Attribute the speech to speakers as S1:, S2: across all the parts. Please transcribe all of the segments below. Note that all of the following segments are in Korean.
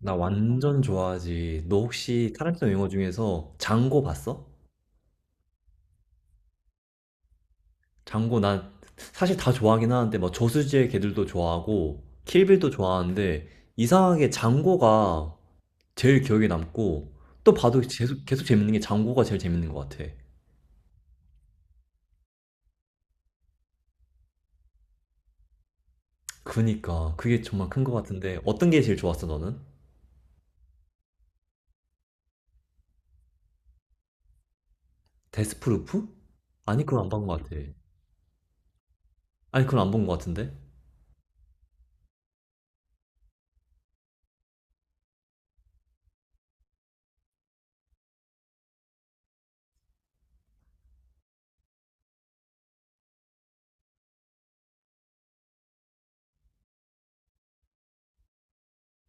S1: 나 완전 좋아하지. 너 혹시 타란티노 영화 중에서 장고 봤어? 장고 난 사실 다 좋아하긴 하는데 막 저수지의 개들도 좋아하고 킬빌도 좋아하는데 이상하게 장고가 제일 기억에 남고 또 봐도 계속 재밌는 게 장고가 제일 재밌는 것 같아. 그니까 그게 정말 큰 것 같은데 어떤 게 제일 좋았어 너는? 데스프루프? 아니 그건 안 본 것 같아. 아니 그건 안 본 것 같은데?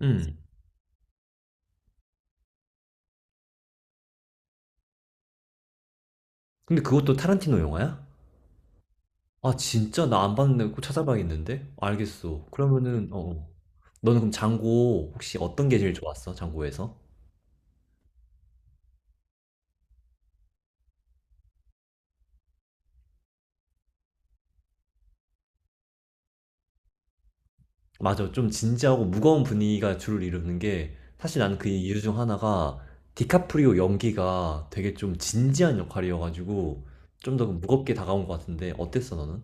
S1: 응. 근데 그것도 타란티노 영화야? 아 진짜? 나 안 봤는데 꼭 찾아봐야겠는데? 알겠어. 그러면은 어. 어. 너는 그럼 장고 혹시 어떤 게 제일 좋았어? 장고에서? 맞아. 좀 진지하고 무거운 분위기가 주를 이루는 게 사실 나는 그 이유 중 하나가 디카프리오 연기가 되게 좀 진지한 역할이어가지고 좀 더 무겁게 다가온 것 같은데 어땠어 너는?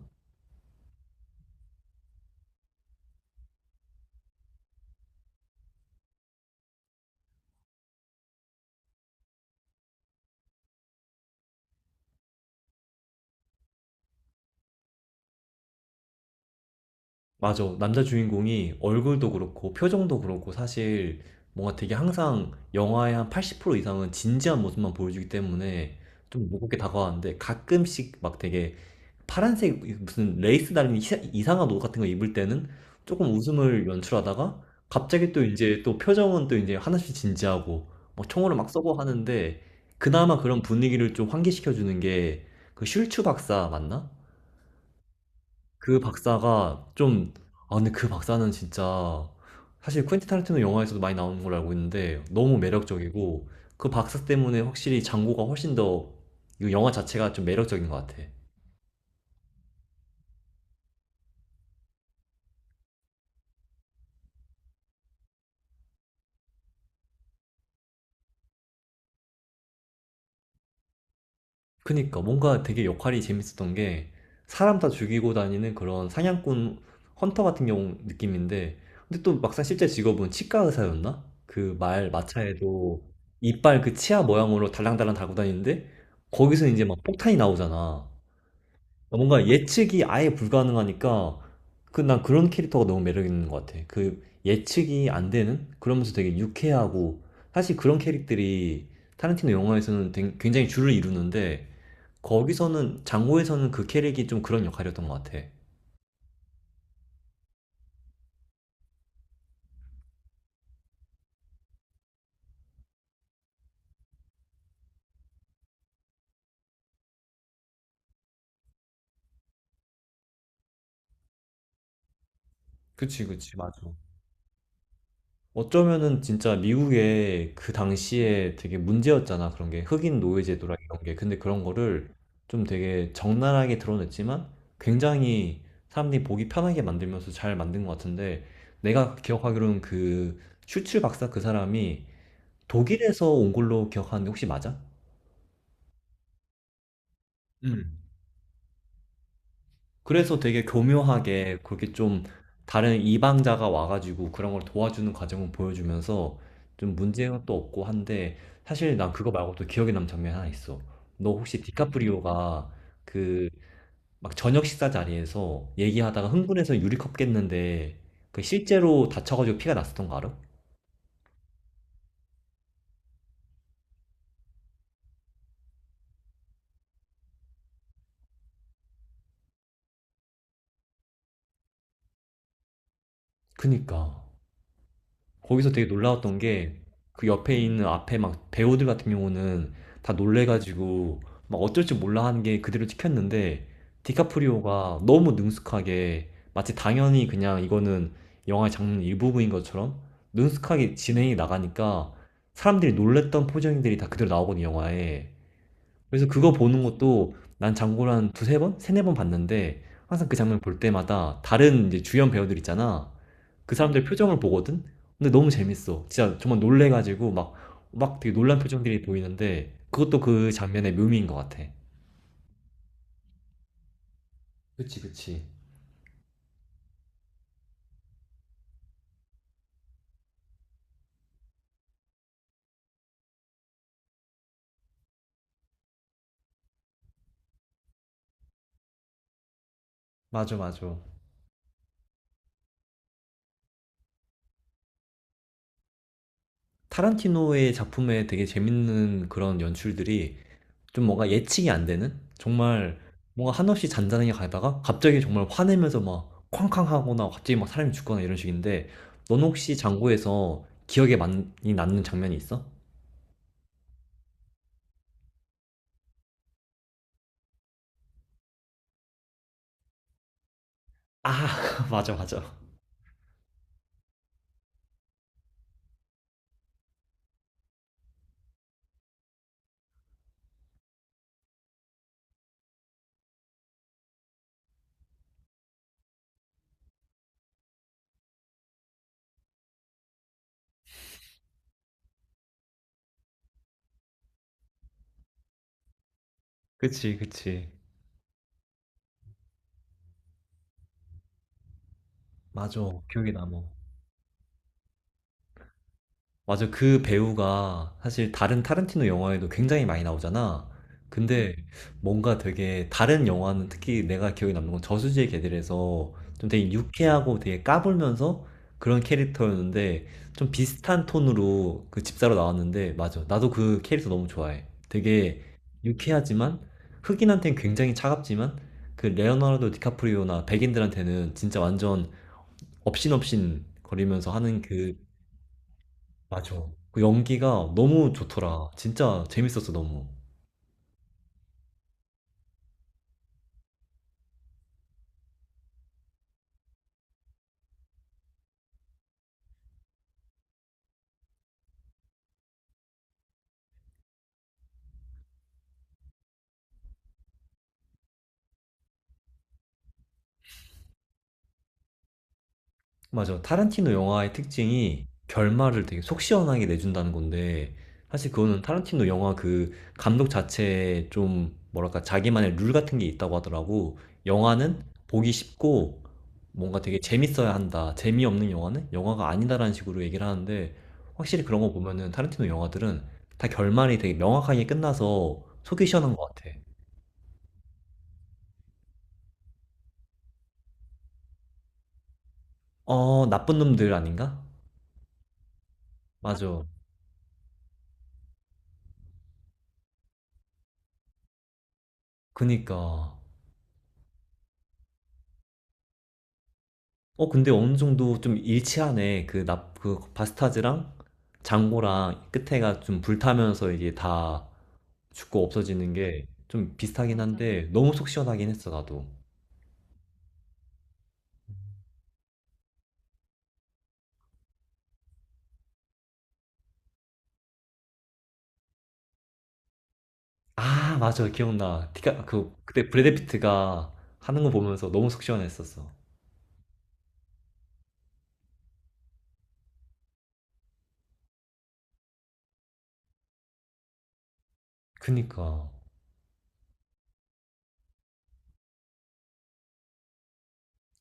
S1: 맞아. 남자 주인공이 얼굴도 그렇고 표정도 그렇고 사실 뭔가 되게 항상 영화의 한 80% 이상은 진지한 모습만 보여주기 때문에 좀 무겁게 다가왔는데 가끔씩 막 되게 파란색 무슨 레이스 달린 희사- 이상한 옷 같은 거 입을 때는 조금 웃음을 연출하다가 갑자기 또 이제 또 표정은 또 이제 하나씩 진지하고 뭐 총으로 막 쏘고 하는데 그나마 그런 분위기를 좀 환기시켜주는 게 그 슐츠 박사 맞나? 그 박사가 좀, 아, 근데 그 박사는 진짜, 사실 퀸틴 타란티노 영화에서도 많이 나오는 걸 알고 있는데, 너무 매력적이고, 그 박사 때문에 확실히 장고가 훨씬 더, 이 영화 자체가 좀 매력적인 것 같아. 그니까, 뭔가 되게 역할이 재밌었던 게, 사람 다 죽이고 다니는 그런 사냥꾼, 헌터 같은 경우 느낌인데, 근데 또 막상 실제 직업은 치과 의사였나? 그 말 마차에도 이빨 그 치아 모양으로 달랑달랑 달고 다니는데, 거기서 이제 막 폭탄이 나오잖아. 뭔가 예측이 아예 불가능하니까 그 난 그런 캐릭터가 너무 매력 있는 것 같아. 그 예측이 안 되는 그러면서 되게 유쾌하고 사실 그런 캐릭들이 타란티노 영화에서는 굉장히 줄을 이루는데 거기서는 장고에서는 그 캐릭이 좀 그런 역할이었던 것 같아. 그치, 그치, 맞아. 어쩌면은 진짜 미국의 그 당시에 되게 문제였잖아. 그런 게 흑인 노예 제도라 이런 게. 근데 그런 거를 좀 되게 적나라하게 드러냈지만 굉장히 사람들이 보기 편하게 만들면서 잘 만든 것 같은데 내가 기억하기로는 그 슈츠 박사 그 사람이 독일에서 온 걸로 기억하는데 혹시 맞아? 음. 그래서 되게 교묘하게 그렇게 좀 다른 이방자가 와가지고 그런 걸 도와주는 과정을 보여주면서 좀 문제는 또 없고 한데 사실 난 그거 말고 또 기억에 남는 장면이 하나 있어. 너 혹시 디카프리오가 그 막 저녁 식사 자리에서 얘기하다가 흥분해서 유리컵 깼는데 그 실제로 다쳐가지고 피가 났었던 거 알아? 그니까. 거기서 되게 놀라웠던 게 그 옆에 있는 앞에 막 배우들 같은 경우는 다 놀래가지고 막 어쩔 줄 몰라 하는 게 그대로 찍혔는데 디카프리오가 너무 능숙하게 마치 당연히 그냥 이거는 영화의 장면 일부분인 것처럼 능숙하게 진행이 나가니까 사람들이 놀랬던 포즈들이 다 그대로 나오거든요, 영화에. 그래서 그거 보는 것도 난 장고를 한 두세 번? 세네 번 봤는데 항상 그 장면 볼 때마다 다른 이제 주연 배우들 있잖아. 그 사람들 표정을 보거든? 근데 너무 재밌어. 진짜 정말 놀래가지고 막, 막 되게 놀란 표정들이 보이는데 그것도 그 장면의 묘미인 것 같아. 그치, 그치. 맞아, 맞아. 타란티노의 작품에 되게 재밌는 그런 연출들이 좀 뭔가 예측이 안 되는? 정말 뭔가 한없이 잔잔하게 가다가 갑자기 정말 화내면서 막 쾅쾅 하거나 갑자기 막 사람이 죽거나 이런 식인데 넌 혹시 장고에서 기억에 많이 남는 장면이 있어? 아, 맞아, 맞아. 그치, 그치. 맞아. 기억에 남어. 맞아. 그 배우가 사실 다른 타른티노 영화에도 굉장히 많이 나오잖아. 근데 뭔가 되게 다른 영화는 특히 내가 기억에 남는 건 저수지의 개들에서 좀 되게 유쾌하고 되게 까불면서 그런 캐릭터였는데 좀 비슷한 톤으로 그 집사로 나왔는데 맞아. 나도 그 캐릭터 너무 좋아해. 되게 유쾌하지만 흑인한테는 굉장히 차갑지만 그 레오나르도 디카프리오나 백인들한테는 진짜 완전 업신업신 거리면서 하는 그 맞아. 그 연기가 너무 좋더라. 진짜 재밌었어, 너무. 맞아. 타란티노 영화의 특징이 결말을 되게 속 시원하게 내준다는 건데, 사실 그거는 타란티노 영화 그 감독 자체에 좀, 뭐랄까, 자기만의 룰 같은 게 있다고 하더라고. 영화는 보기 쉽고, 뭔가 되게 재밌어야 한다. 재미없는 영화는 영화가 아니다라는 식으로 얘기를 하는데, 확실히 그런 거 보면은 타란티노 영화들은 다 결말이 되게 명확하게 끝나서 속이 시원한 것 같아. 어, 나쁜 놈들 아닌가? 맞아. 그니까. 어, 근데 어느 정도 좀 일치하네. 그 납, 그 바스타즈랑 장고랑 끝에가 좀 불타면서 이게 다 죽고 없어지는 게 좀 비슷하긴 한데 너무 속 시원하긴 했어, 나도. 아, 맞아. 기억나. 디카, 그, 그때 브래드 응. 피트가 하는 거 보면서 너무 속 시원했었어. 그니까.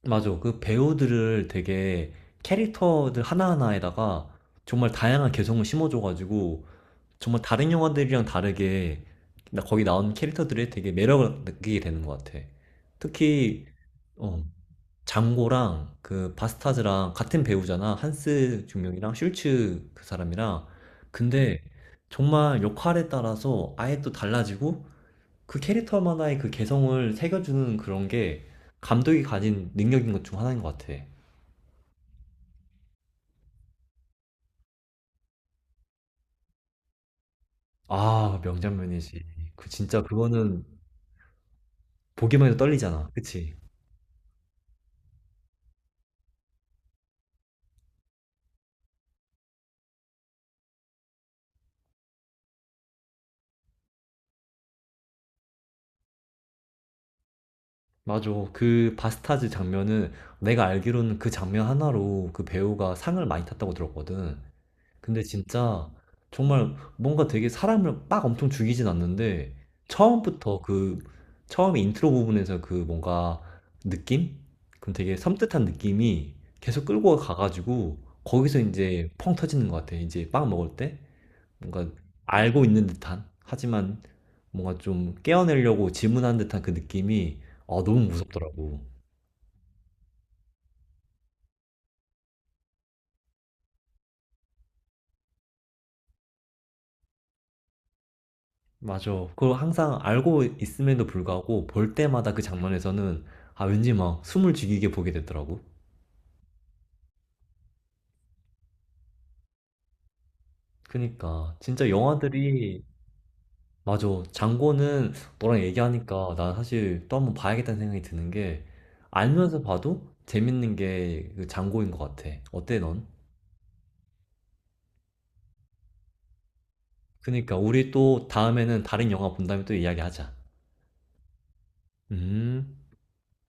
S1: 맞아. 그 배우들을 되게 캐릭터들 하나하나에다가 정말 다양한 개성을 심어줘가지고 정말 다른 영화들이랑 다르게 나 거기 나온 캐릭터들이 되게 매력을 느끼게 되는 것 같아. 특히 어, 장고랑 그 바스타즈랑 같은 배우잖아. 한스 중령이랑 슐츠 그 사람이랑. 근데 정말 역할에 따라서 아예 또 달라지고 그 캐릭터만의 그 개성을 새겨주는 그런 게 감독이 가진 능력인 것 중 하나인 것 같아. 아, 명장면이지. 그 진짜 그거는 보기만 해도 떨리잖아. 그치? 맞아. 그 바스타즈 장면은 내가 알기로는 그 장면 하나로 그 배우가 상을 많이 탔다고 들었거든. 근데 진짜 정말 뭔가 되게 사람을 막 엄청 죽이진 않는데 처음부터 그 처음에 인트로 부분에서 그 뭔가 느낌? 그럼 되게 섬뜩한 느낌이 계속 끌고 가가지고 거기서 이제 펑 터지는 것 같아. 이제 빵 먹을 때. 뭔가 알고 있는 듯한 하지만 뭔가 좀 깨어내려고 질문하는 듯한 그 느낌이 어, 너무 무섭더라고. 맞아. 그걸 항상 알고 있음에도 불구하고 볼 때마다 그 장면에서는 아 왠지 막 숨을 죽이게 보게 되더라고. 그니까 진짜 영화들이 맞아. 장고는 너랑 얘기하니까 나 사실 또 한번 봐야겠다는 생각이 드는 게 알면서 봐도 재밌는 게그 장고인 것 같아. 어때 넌? 그니까 우리 또 다음에는 다른 영화 본 다음에 또 이야기하자. 음.